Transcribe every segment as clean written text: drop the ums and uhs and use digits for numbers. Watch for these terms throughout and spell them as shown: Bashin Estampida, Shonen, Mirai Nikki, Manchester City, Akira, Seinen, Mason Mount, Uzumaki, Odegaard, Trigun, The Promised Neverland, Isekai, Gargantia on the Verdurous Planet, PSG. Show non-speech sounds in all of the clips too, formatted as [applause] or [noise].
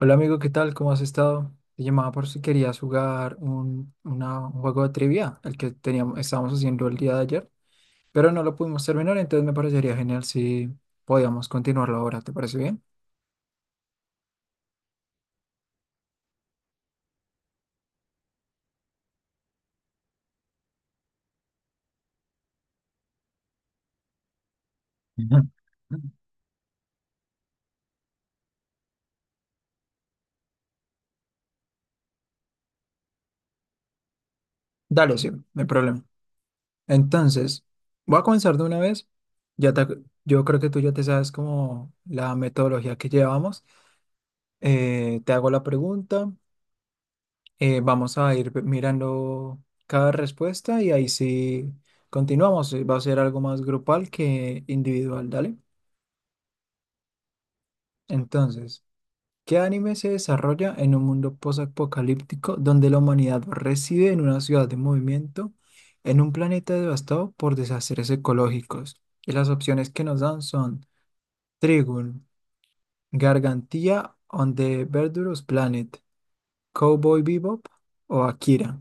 Hola amigo, ¿qué tal? ¿Cómo has estado? Te llamaba por si querías jugar un juego de trivia, el que estábamos haciendo el día de ayer, pero no lo pudimos terminar, entonces me parecería genial si podíamos continuarlo ahora, ¿te parece bien? Ujú. Dale, sí, no hay problema. Entonces, voy a comenzar de una vez. Ya te- yo creo que tú ya te sabes como la metodología que llevamos. Te hago la pregunta. Vamos a ir mirando cada respuesta y ahí sí continuamos. Va a ser algo más grupal que individual, ¿dale? Entonces, ¿qué anime se desarrolla en un mundo posapocalíptico donde la humanidad reside en una ciudad de movimiento, en un planeta devastado por desastres ecológicos? Y las opciones que nos dan son Trigun, Gargantia on the Verdurous Planet, Cowboy Bebop o Akira.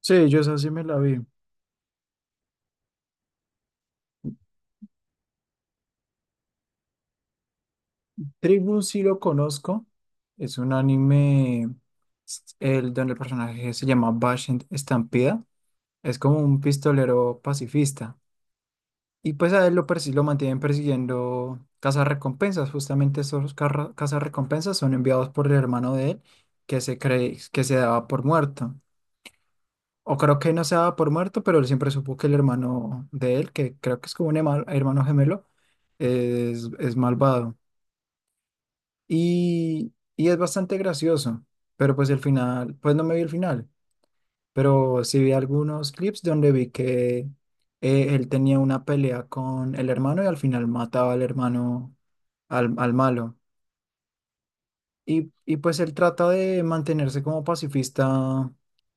Sí, yo esa sí me la vi. Trade Blue sí lo conozco. Es un anime donde el personaje se llama Bashin Estampida. Es como un pistolero pacifista. Y pues a él lo mantienen persiguiendo recompensas. Justamente esos recompensas son enviados por el hermano de él, que se cree que se daba por muerto. O creo que no se daba por muerto, pero él siempre supo que el hermano de él, que creo que es como un hermano gemelo, es malvado. Y es bastante gracioso, pero pues el final, pues no me vi el final, pero sí vi algunos clips donde vi que él tenía una pelea con el hermano y al final mataba al hermano, al malo. Y pues él trata de mantenerse como pacifista,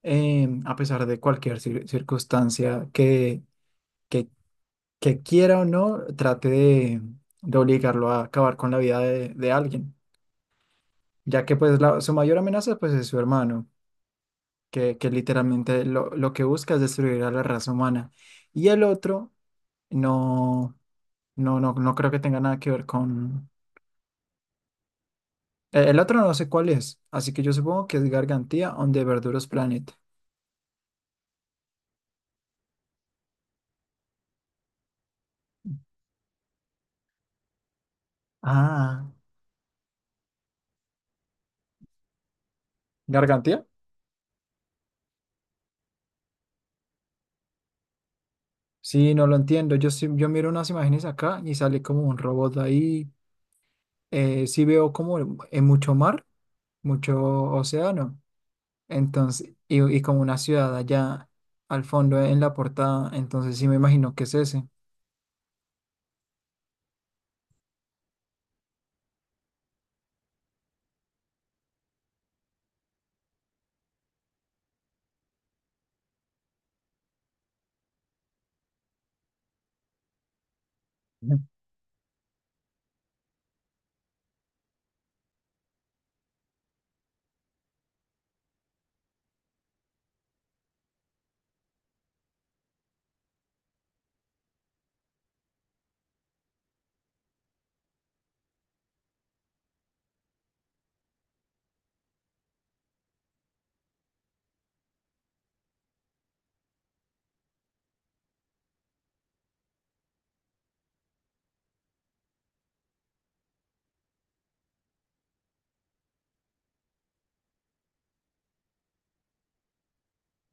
a pesar de cualquier circunstancia que, que quiera o no, trate de obligarlo a acabar con la vida de alguien, ya que pues su mayor amenaza pues es su hermano, que literalmente lo que busca es destruir a la raza humana. Y el otro, no, no creo que tenga nada que ver con... El otro no sé cuál es, así que yo supongo que es Gargantia on the Verduros Planet. Ah, Gargantia. Sí, no lo entiendo. Yo miro unas imágenes acá y sale como un robot ahí. Sí veo como en mucho mar, mucho océano. Entonces, y como una ciudad allá al fondo en la portada. Entonces sí me imagino que es ese.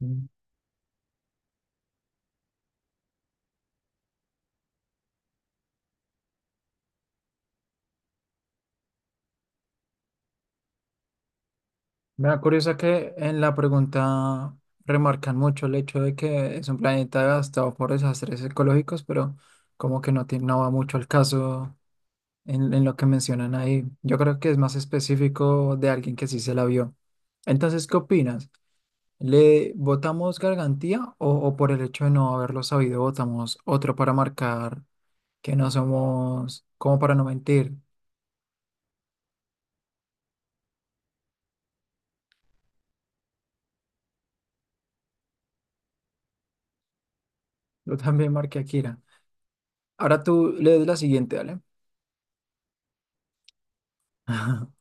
Mm. Me da curiosa que en la pregunta remarcan mucho el hecho de que es un planeta gastado por desastres ecológicos, pero como que no, no va mucho al caso en lo que mencionan ahí. Yo creo que es más específico de alguien que sí se la vio. Entonces, ¿qué opinas? ¿Le votamos gargantía o por el hecho de no haberlo sabido votamos otro para marcar que no somos, como para no mentir? Yo también marqué a Kira. Ahora tú lees la siguiente, ¿vale? [laughs]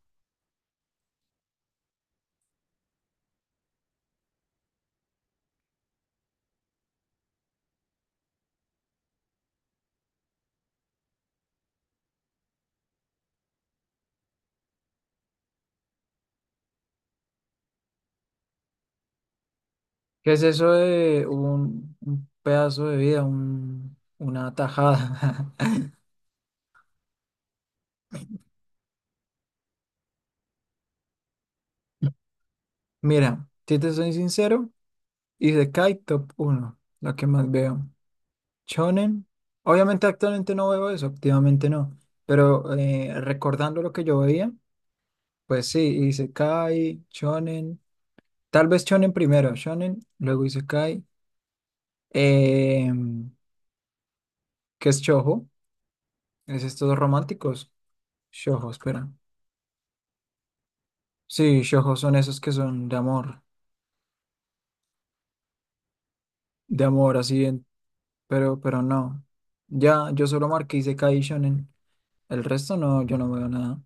¿Qué es eso de un pedazo de vida, una tajada? [laughs] Mira, si te soy sincero, hice Kai Top uno, la que más veo. Shonen, obviamente actualmente no veo eso, activamente no, pero recordando lo que yo veía, pues sí, hice Kai, Shonen, tal vez Shonen primero, Shonen, luego hice Kai, que es Shoujo, es estos románticos, Shoujo, espera. Sí, Shoujo son esos que son de amor. De amor, así, en- pero no. Ya, yo solo marqué Isekai y Shonen. El resto no, yo no veo nada.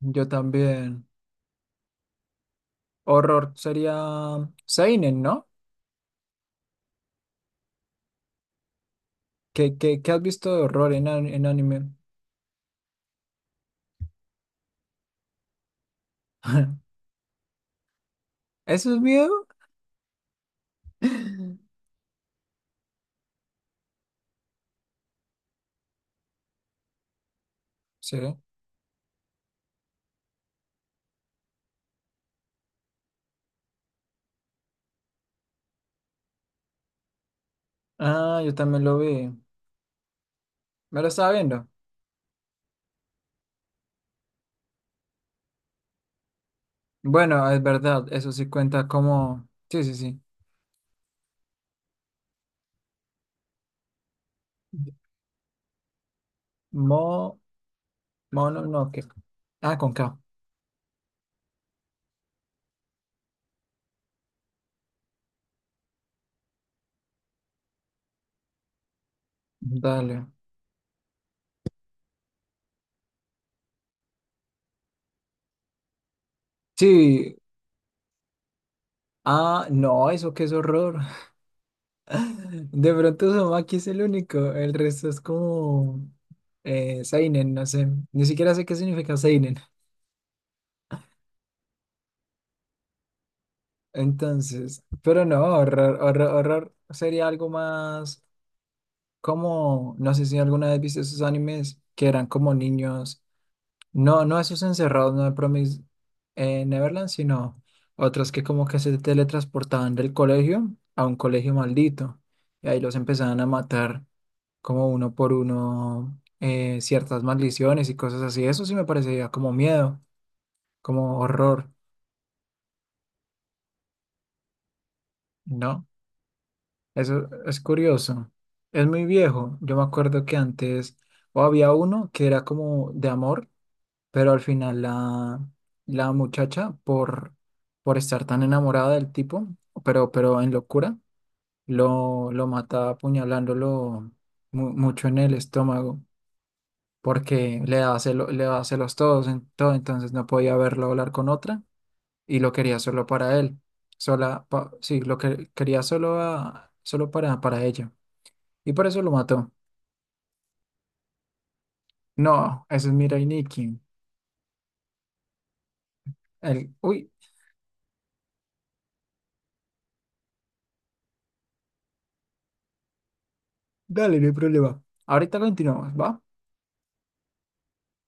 Yo también. Horror sería, Seinen, ¿no? ¿Qué, qué, qué has visto de horror en, en anime? [laughs] ¿Eso es miedo? [laughs] Sí. Ah, yo también lo vi. Me lo estaba viendo. Bueno, es verdad, eso sí cuenta como. Sí, sí, sí. Mo, mono, no, que. Ah, con K. Dale. Sí. Ah, no, eso qué es horror. De pronto Uzumaki es el único, el resto es como Seinen, no sé, ni siquiera sé qué significa Seinen. Entonces, pero no, horror, horror, horror sería algo más como, no sé si alguna vez viste esos animes que eran como niños, no, no esos encerrados, no de Promise Neverland, sino otros que como que se teletransportaban del colegio a un colegio maldito y ahí los empezaban a matar, como uno por uno, ciertas maldiciones y cosas así. Eso sí me parecería como miedo, como horror, ¿no? Eso es curioso. Es muy viejo. Yo me acuerdo que antes o había uno que era como de amor, pero al final la muchacha por estar tan enamorada del tipo, pero en locura, lo mata apuñalándolo mucho en el estómago, porque le daba le daba celos todos, en todo, entonces no podía verlo hablar con otra y lo quería solo para él. Sola, pa- sí, lo que quería solo solo para ella. Y por eso lo mató. No, ese es Mirai Nikki. El, uy, dale, no hay problema. Ahorita continuamos, ¿va?